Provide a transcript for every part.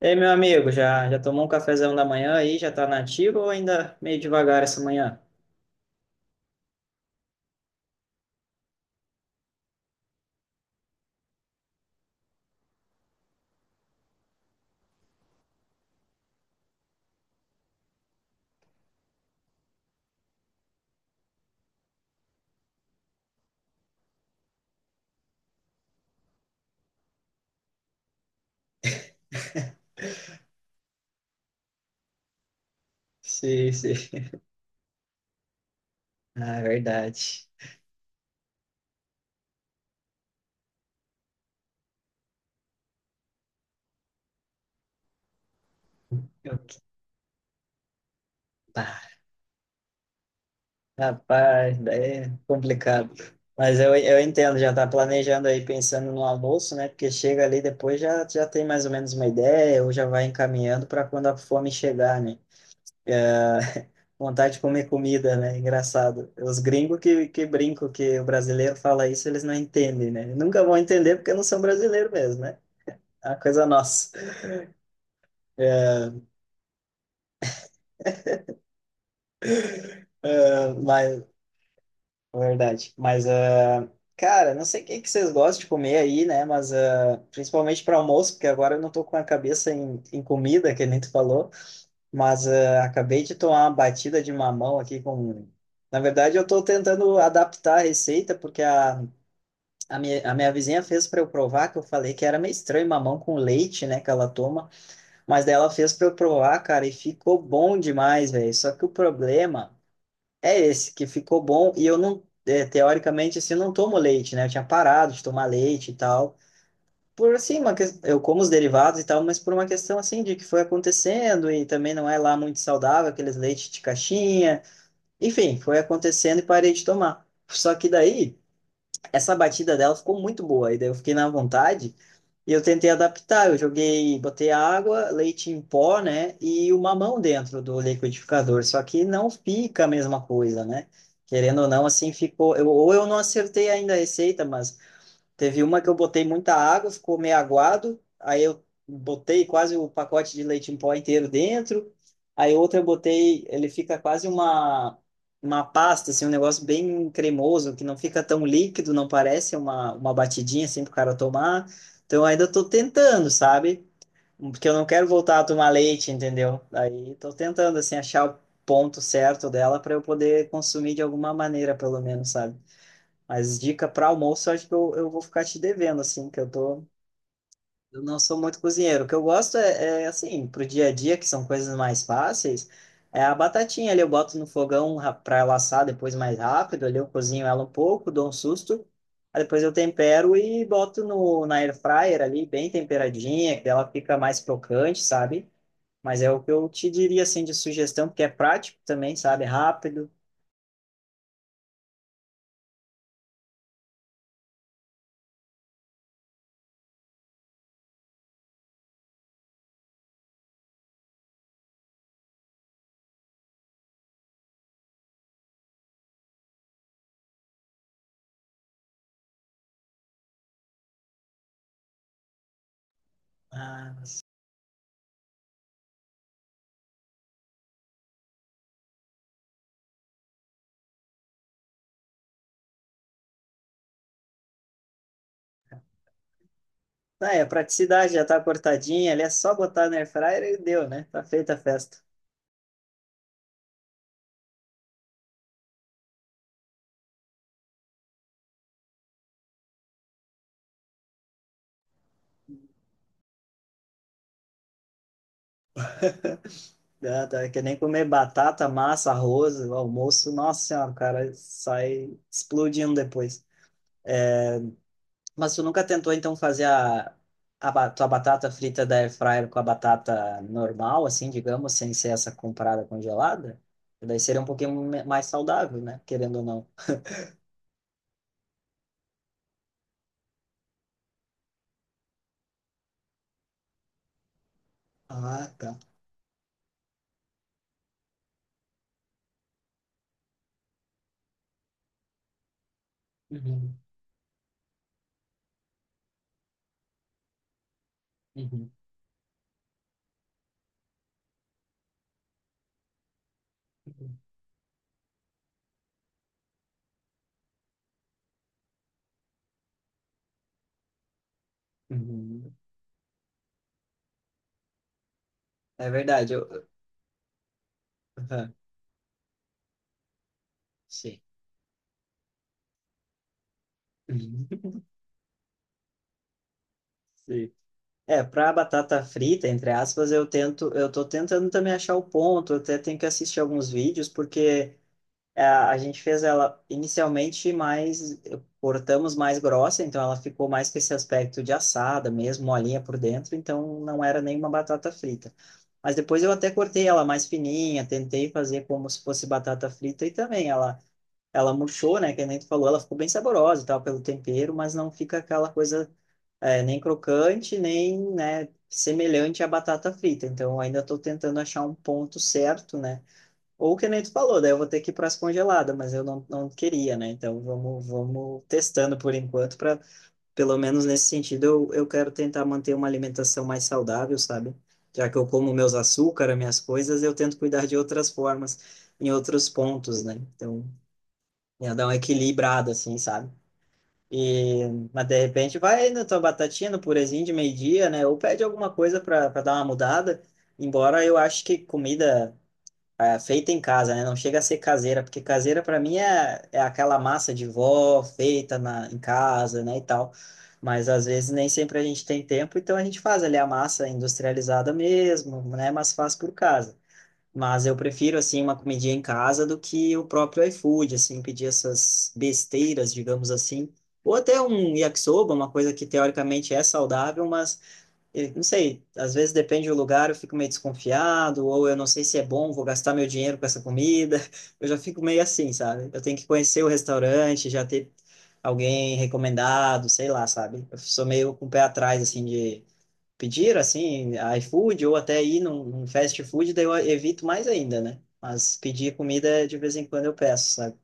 Ei, meu amigo, já tomou um cafezão da manhã aí? Já tá nativo ou ainda meio devagar essa manhã? Sim, sim. Ah, é verdade. Eu- tá. Rapaz, daí é complicado. Mas eu entendo, já tá planejando aí, pensando no almoço, né? Porque chega ali depois já tem mais ou menos uma ideia, ou já vai encaminhando para quando a fome chegar, né? Vontade de comer comida, né? Engraçado. Os gringos que brincam que o brasileiro fala isso, eles não entendem, né? Nunca vão entender porque não são brasileiros mesmo, né? É uma coisa nossa. É, mas, é verdade. Mas, ah, cara, não sei o que que vocês gostam de comer aí, né? Mas, ah, principalmente para almoço, porque agora eu não tô com a cabeça em comida, que nem tu falou. Mas ah, acabei de tomar uma batida de mamão aqui com. Na verdade, eu tô tentando adaptar a receita, porque a a minha vizinha fez para eu provar, que eu falei que era meio estranho mamão com leite, né, que ela toma, mas daí ela fez para eu provar, cara, e ficou bom demais, velho. Só que o problema é esse, que ficou bom e eu não, é, teoricamente, assim, eu não tomo leite, né? Eu tinha parado de tomar leite e tal. Por assim, uma que eu como os derivados e tal, mas por uma questão assim de que foi acontecendo e também não é lá muito saudável aqueles leites de caixinha. Enfim, foi acontecendo e parei de tomar. Só que daí essa batida dela ficou muito boa. E daí eu fiquei na vontade e eu tentei adaptar. Eu joguei, botei água, leite em pó, né? E o mamão dentro do liquidificador. Só que não fica a mesma coisa, né? Querendo ou não, assim ficou. Eu, ou eu não acertei ainda a receita, mas teve uma que eu botei muita água, ficou meio aguado. Aí eu botei quase o pacote de leite em pó inteiro dentro. Aí outra eu botei, ele fica quase uma pasta, assim, um negócio bem cremoso, que não fica tão líquido, não parece uma batidinha assim para o cara tomar. Então eu ainda estou tentando, sabe? Porque eu não quero voltar a tomar leite, entendeu? Aí estou tentando assim achar o ponto certo dela para eu poder consumir de alguma maneira, pelo menos, sabe? Mas dica para almoço, eu acho que eu vou ficar te devendo, assim, que eu tô. Eu não sou muito cozinheiro. O que eu gosto é, é assim, pro dia a dia, que são coisas mais fáceis, é a batatinha ali, eu boto no fogão para pra ela assar depois mais rápido, ali eu cozinho ela um pouco, dou um susto, aí depois eu tempero e boto no, na air fryer ali, bem temperadinha, que ela fica mais crocante, sabe? Mas é o que eu te diria, assim, de sugestão, porque é prático também, sabe? Rápido. Ah, ah, é, a praticidade já tá cortadinha, ali é só botar na air fryer e deu, né? Tá feita a festa. Ah, tá, que nem comer batata, massa, arroz, o almoço, nossa senhora, o cara sai explodindo depois. Mas tu nunca tentou então fazer a, tua batata frita da air fryer com a batata normal, assim, digamos, sem ser essa comprada congelada? Daí seria um pouquinho mais saudável, né? Querendo ou não. Ah, tá. Uhum, uhum, uhum, uhum. É verdade. Eu... Uhum, sim. Sim. É, para batata frita, entre aspas, eu tento, eu tô tentando também achar o ponto, eu até tenho que assistir alguns vídeos, porque é, a gente fez ela inicialmente mais, cortamos mais grossa, então ela ficou mais com esse aspecto de assada mesmo, molinha por dentro, então não era nenhuma batata frita. Mas depois eu até cortei ela mais fininha, tentei fazer como se fosse batata frita e também ela murchou, né, que nem tu falou, ela ficou bem saborosa e tal, pelo tempero, mas não fica aquela coisa é, nem crocante, nem, né, semelhante à batata frita. Então, eu ainda estou tentando achar um ponto certo, né? Ou que nem tu falou, daí eu vou ter que ir para as congeladas, mas eu não, não queria, né? Então, vamos testando por enquanto, para pelo menos nesse sentido, eu quero tentar manter uma alimentação mais saudável, sabe? Já que eu como meus açúcar, minhas coisas, eu tento cuidar de outras formas, em outros pontos, né? Então, ia dar uma equilibrada, assim, sabe? E, mas de repente vai na tua batatinha, no purezinho de meio-dia, né? Ou pede alguma coisa para dar uma mudada. Embora eu acho que comida ah, feita em casa, né? Não chega a ser caseira, porque caseira para mim é, é aquela massa de vó feita em casa, né? E tal. Mas às vezes nem sempre a gente tem tempo, então a gente faz ali a massa industrializada mesmo, né? Mas faz por casa. Mas eu prefiro, assim, uma comidinha em casa do que o próprio iFood, assim, pedir essas besteiras, digamos assim. Ou até um yakisoba, uma coisa que teoricamente é saudável, mas não sei, às vezes depende do lugar, eu fico meio desconfiado, ou eu não sei se é bom, vou gastar meu dinheiro com essa comida. Eu já fico meio assim, sabe? Eu tenho que conhecer o restaurante, já ter alguém recomendado, sei lá, sabe? Eu sou meio com o pé atrás, assim, de pedir, assim, iFood ou até ir num, num fast food, daí eu evito mais ainda, né? Mas pedir comida de vez em quando eu peço, sabe?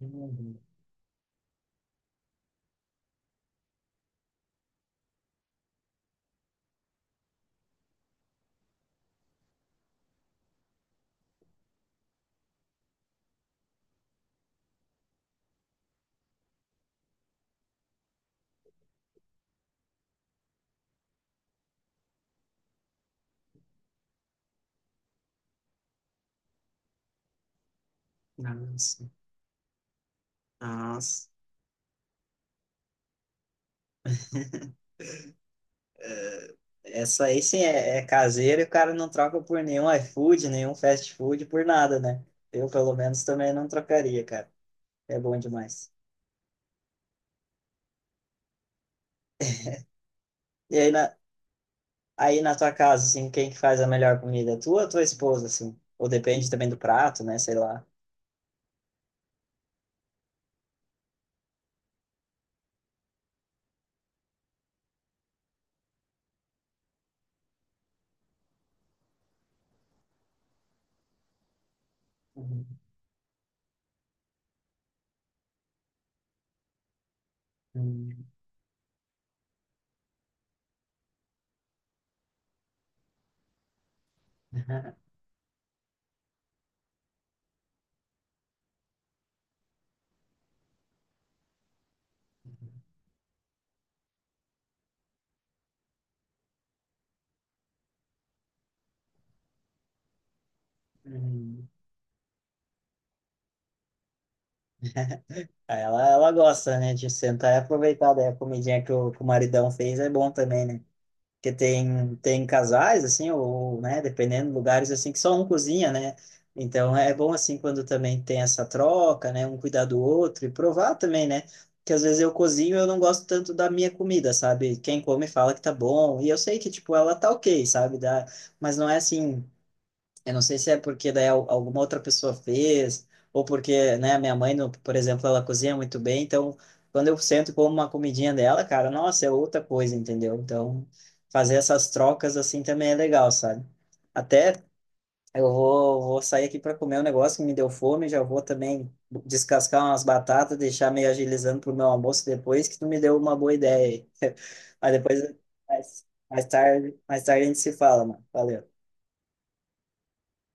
Uhum. Nossa. Nossa. Essa aí sim é, é caseira e o cara não troca por nenhum iFood, nenhum fast food, por nada, né? Eu, pelo menos, também não trocaria, cara. É bom demais. E aí na tua casa, assim, quem que faz a melhor comida? Tu ou tua esposa, assim? Ou depende também do prato, né? Sei lá. Uhum. Uhum. Ah, ela gosta, né, de sentar e aproveitar daí a comidinha que o maridão fez, é bom também, né? Porque tem, tem casais, assim, ou, né, dependendo, lugares, assim, que só um cozinha, né? Então, é bom, assim, quando também tem essa troca, né, um cuidar do outro e provar também, né? Porque às vezes eu cozinho e eu não gosto tanto da minha comida, sabe? Quem come fala que tá bom, e eu sei que, tipo, ela tá ok, sabe? Dá, mas não é assim, eu não sei se é porque daí alguma outra pessoa fez, ou porque, né, minha mãe, por exemplo, ela cozinha muito bem, então quando eu sento e como uma comidinha dela, cara, nossa, é outra coisa, entendeu? Então, fazer essas trocas assim também é legal, sabe? Até eu vou sair aqui para comer um negócio que me deu fome, já vou também descascar umas batatas, deixar meio agilizando pro meu almoço depois, que tu me deu uma boa ideia aí. Mas depois, mais tarde a gente se fala, mano. Valeu.